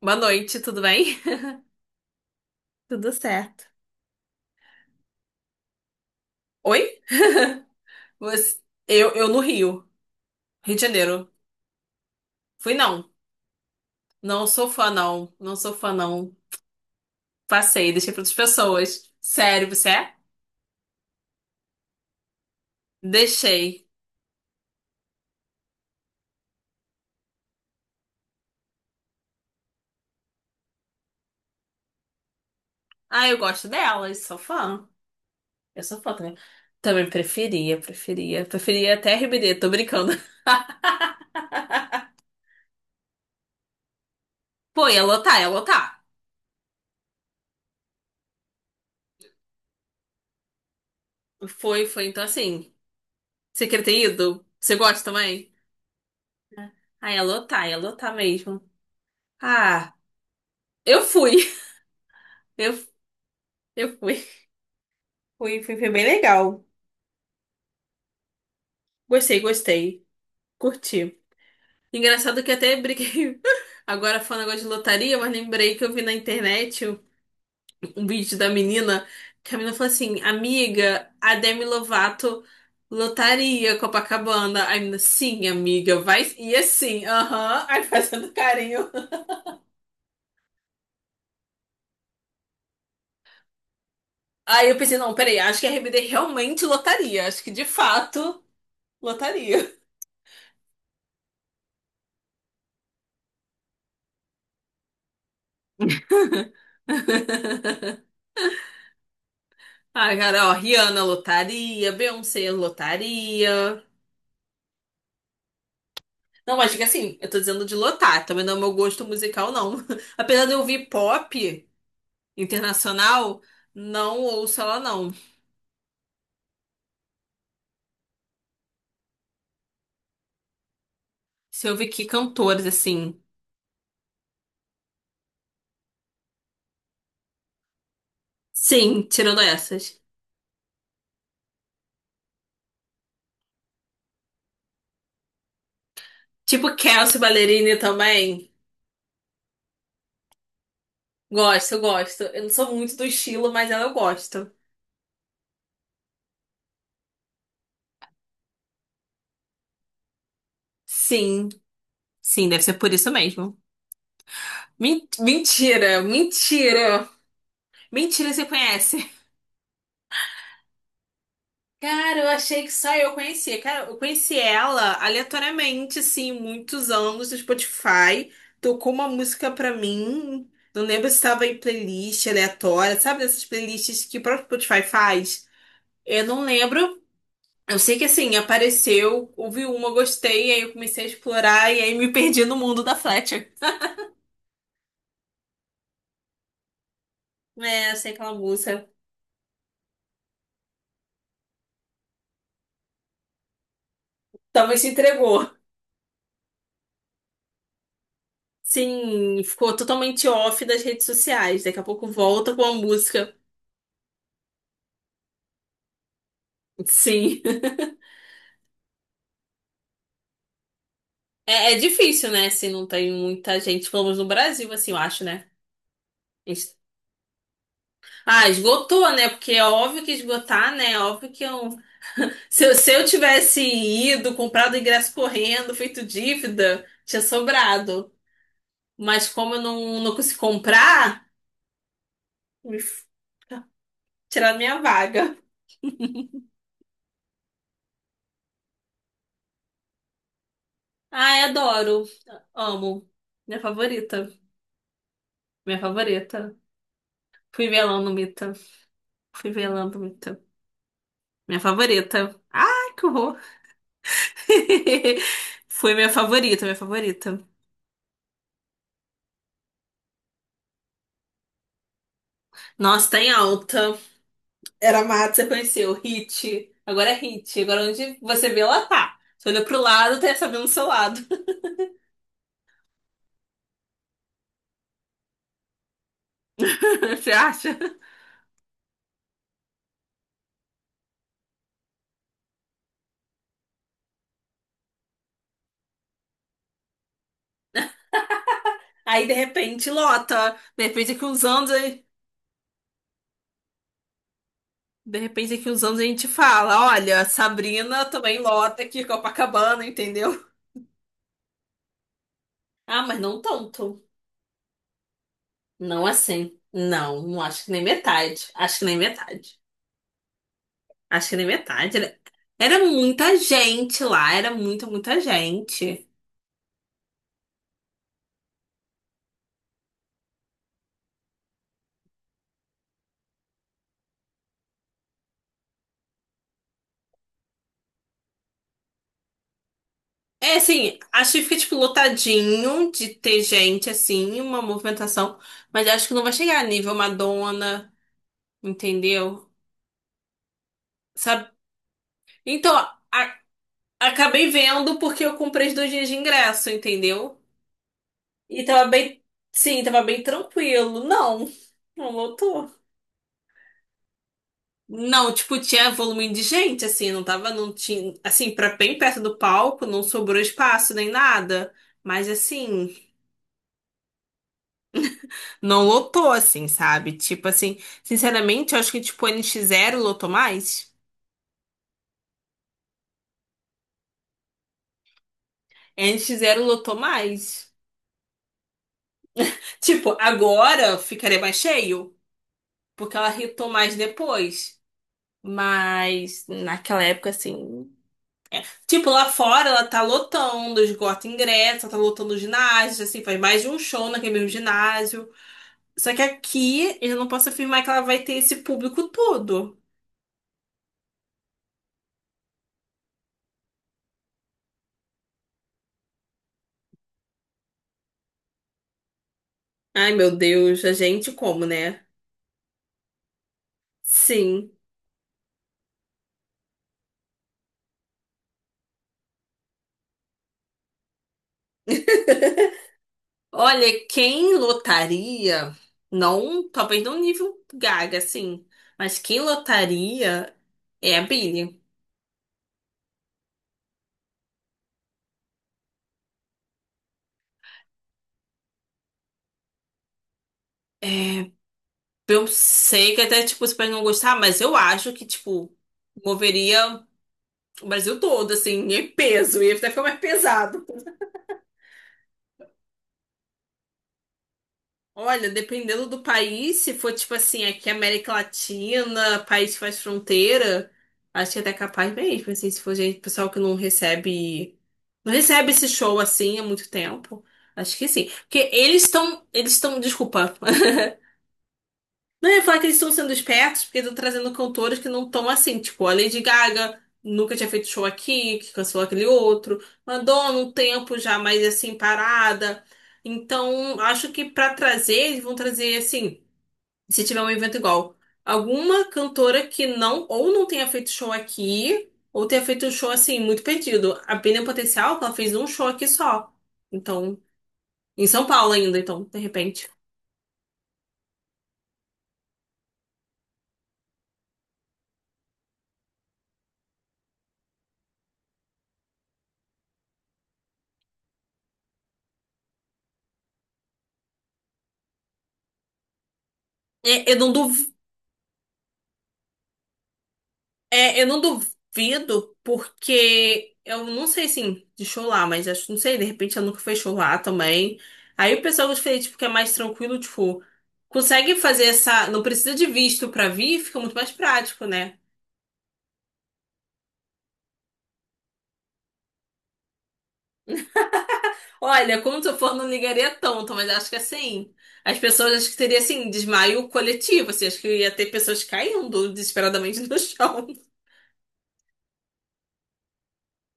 Boa noite, tudo bem? Tudo certo. Oi? Você- eu no Rio, Rio de Janeiro. Fui não. Não sou fã, não. Não sou fã, não. Passei, deixei para outras pessoas. Sério, você é? Deixei. Ah, eu gosto delas, sou fã. Eu sou fã também. Também preferia. Preferia até Ribeirão, tô brincando. Pô, ia lotar, ia lotar. Foi, foi, então assim. Você queria ter ido? Você gosta também? Ah, ia lotar mesmo. Ah. Eu fui. Eu, eu fui. Fui, fui. Foi bem legal. Gostei, gostei. Curti. Engraçado que até briguei. Agora falando agora de lotaria, mas lembrei que eu vi na internet um vídeo da menina que a menina falou assim: Amiga, a Demi Lovato lotaria Copacabana. Aí a menina, sim, amiga, vai. E assim, aham, aí fazendo carinho. Aí eu pensei: Não, peraí, acho que a RBD realmente lotaria. Acho que de fato lotaria. Ah, cara, ó, Rihanna lotaria, Beyoncé lotaria. Não, mas diga assim, eu tô dizendo de lotar, também não é o meu gosto musical, não. Apesar de eu ouvir pop internacional, não ouço ela, não. Se eu ouvir que cantores, assim. Sim, tirando essas. Tipo Kelsea Ballerini também. Gosto. Eu não sou muito do estilo, mas ela eu gosto. Sim, sim, deve ser por isso mesmo. Mentira, mentira. Mentira, você conhece. Cara, eu achei que só eu conhecia. Cara, eu conheci ela aleatoriamente, assim, muitos anos no Spotify. Tocou uma música pra mim. Não lembro se estava em playlist aleatória, sabe? Dessas playlists que o próprio Spotify faz. Eu não lembro. Eu sei que assim, apareceu, ouvi uma, gostei, aí eu comecei a explorar e aí me perdi no mundo da Fletcher. É, eu sei aquela música. Talvez se entregou. Sim, ficou totalmente off das redes sociais. Daqui a pouco volta com a música. Sim. É, é difícil, né? Se não tem muita gente, pelo menos no Brasil, assim, eu acho, né? Es- Ah, esgotou, né? Porque é óbvio que esgotar, né? É óbvio que eu... Se, se eu tivesse ido, comprado ingresso correndo, feito dívida, tinha sobrado. Mas como eu não, não consegui comprar, me f- tiraram minha vaga. Ai, adoro. Amo. Minha favorita. Minha favorita. Fui velando, Mita. Fui velando, Mita. Minha favorita. Ai, que horror. Foi minha favorita, minha favorita. Nossa, tá em alta. Era mato, você conheceu. Hit. Agora é hit. Agora onde você vê, ela tá. Você olha pro lado, tem essa vendo do seu lado. Você acha? Aí, de repente, lota. De repente, daqui uns anos, de repente, daqui uns anos a gente fala: olha, Sabrina também lota aqui, Copacabana, entendeu? Ah, mas não tanto. Não assim. Não, não acho que nem metade. Acho que nem metade. Acho que é nem metade. Era muita gente lá, era muita, muita gente. É, assim, acho que fica, tipo, lotadinho de ter gente, assim, uma movimentação. Mas acho que não vai chegar a nível Madonna, entendeu? Sabe? Então, a- acabei vendo porque eu comprei os dois dias de ingresso, entendeu? E tava bem... Sim, tava bem tranquilo. Não, não lotou. Não, tipo, tinha volume de gente, assim, não tava, não tinha, assim, pra bem perto do palco, não sobrou espaço nem nada. Mas, assim, não lotou, assim, sabe? Tipo, assim, sinceramente, eu acho que, tipo, o N nx zero lotou mais. N nx zero lotou mais. Tipo, agora ficaria mais cheio, porque ela hitou mais depois. Mas, naquela época, assim. Tipo, lá fora ela tá lotando, esgota ingresso, ela tá lotando o ginásio, assim, faz mais de um show naquele mesmo ginásio. Só que aqui eu não posso afirmar que ela vai ter esse público todo. Ai, meu Deus, a gente como, né? Sim. Olha, quem lotaria, não, talvez não nível Gaga, assim, mas quem lotaria é a Billie. Eu sei que até, tipo, você pode não gostar, mas eu acho que, tipo, moveria o Brasil todo, assim, em peso, ia até ficar mais pesado. Olha, dependendo do país, se for tipo assim, aqui América Latina, país que faz fronteira, acho que até é capaz mesmo, assim, se for gente, pessoal que não recebe, não recebe esse show assim há muito tempo, acho que sim. Porque eles estão, desculpa, não eu ia falar que eles estão sendo espertos, porque estão trazendo cantores que não estão assim, tipo a Lady Gaga, nunca tinha feito show aqui, que cancelou aquele outro, Madonna um tempo já mais assim parada, então acho que pra trazer, eles vão trazer assim se tiver um evento igual. Alguma cantora que não, ou não tenha feito show aqui, ou tenha feito um show assim, muito perdido. A Pina Potencial, que ela fez um show aqui só. Então, em São Paulo ainda, então, de repente. É, eu não duv... é, eu não duvido, porque eu não sei, assim, de show lá, mas acho, não sei, de repente ela nunca fez show lá também. Aí o pessoal gostei, tipo, que é mais tranquilo, tipo, consegue fazer essa. Não precisa de visto pra vir, fica muito mais prático, né? Olha, como se eu for, não ligaria tanto, mas acho que assim, as pessoas, acho que teria assim, desmaio coletivo, assim, acho que ia ter pessoas caindo desesperadamente no chão.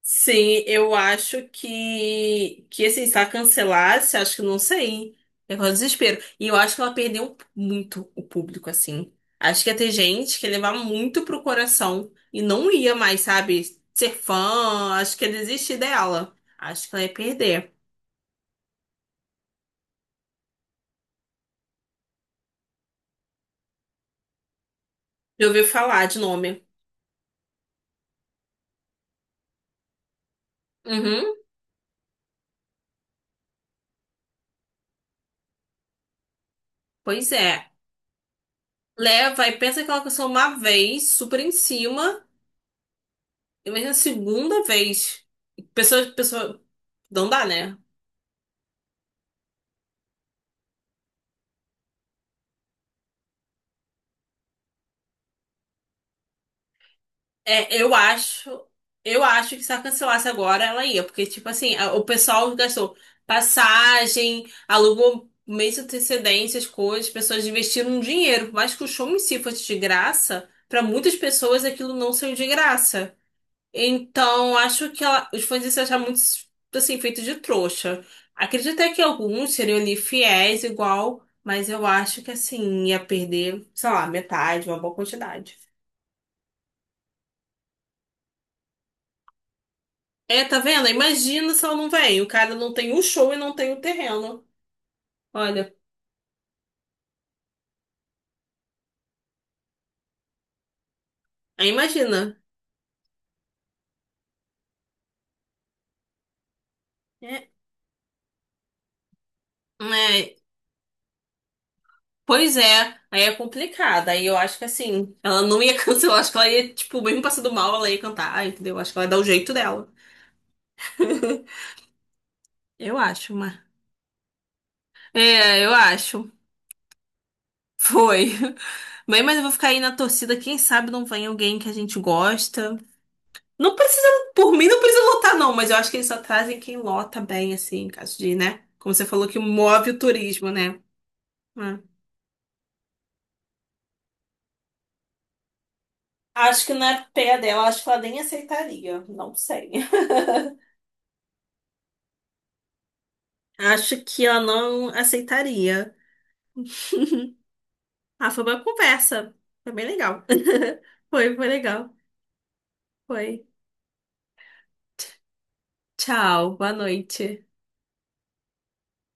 Sim, eu acho que assim, se ela cancelasse, acho que não sei. É um desespero. E eu acho que ela perdeu muito o público, assim. Acho que ia ter gente que ia levar muito pro coração e não ia mais, sabe, ser fã, acho que ia desistir dela. Acho que ela ia perder. Já ouvi falar de nome. Uhum. Pois é. Leva e pensa que ela aconteceu uma vez, super em cima, e imagina na segunda vez. Pessoas, pessoas, não dá, né? É, eu acho, eu acho que se ela cancelasse agora, ela ia, porque, tipo assim, o pessoal gastou passagem, alugou mês de antecedência, as coisas, as pessoas investiram dinheiro, por mais que o show em si fosse de graça, pra muitas pessoas aquilo não saiu de graça. Então, os fãs iam se achar muito, assim, feito de trouxa. Acredito até que alguns seriam ali fiéis, igual, mas eu acho que, assim, ia perder, sei lá, metade, uma boa quantidade. É, tá vendo? Imagina se ela não vem. O cara não tem o show e não tem o terreno. Olha, aí imagina. É, é, pois é, aí é complicado. Aí eu acho que, assim, ela não ia cancelar. Acho que ela ia, tipo, mesmo passando mal, ela ia cantar, entendeu? Acho que ela ia dar o jeito dela. Eu acho, É, eu acho. Foi. Bem, mas eu vou ficar aí na torcida. Quem sabe não vem alguém que a gente gosta. Não precisa, por mim, não precisa lotar, não. Mas eu acho que eles só trazem quem lota bem, assim, em caso de, né? Como você falou que move o turismo, né? É. Acho que não é pé dela, acho que ela nem aceitaria. Não sei. Acho que ela não aceitaria. Ah, foi uma conversa. Foi bem legal. Foi, foi legal. Foi. Tchau, boa noite.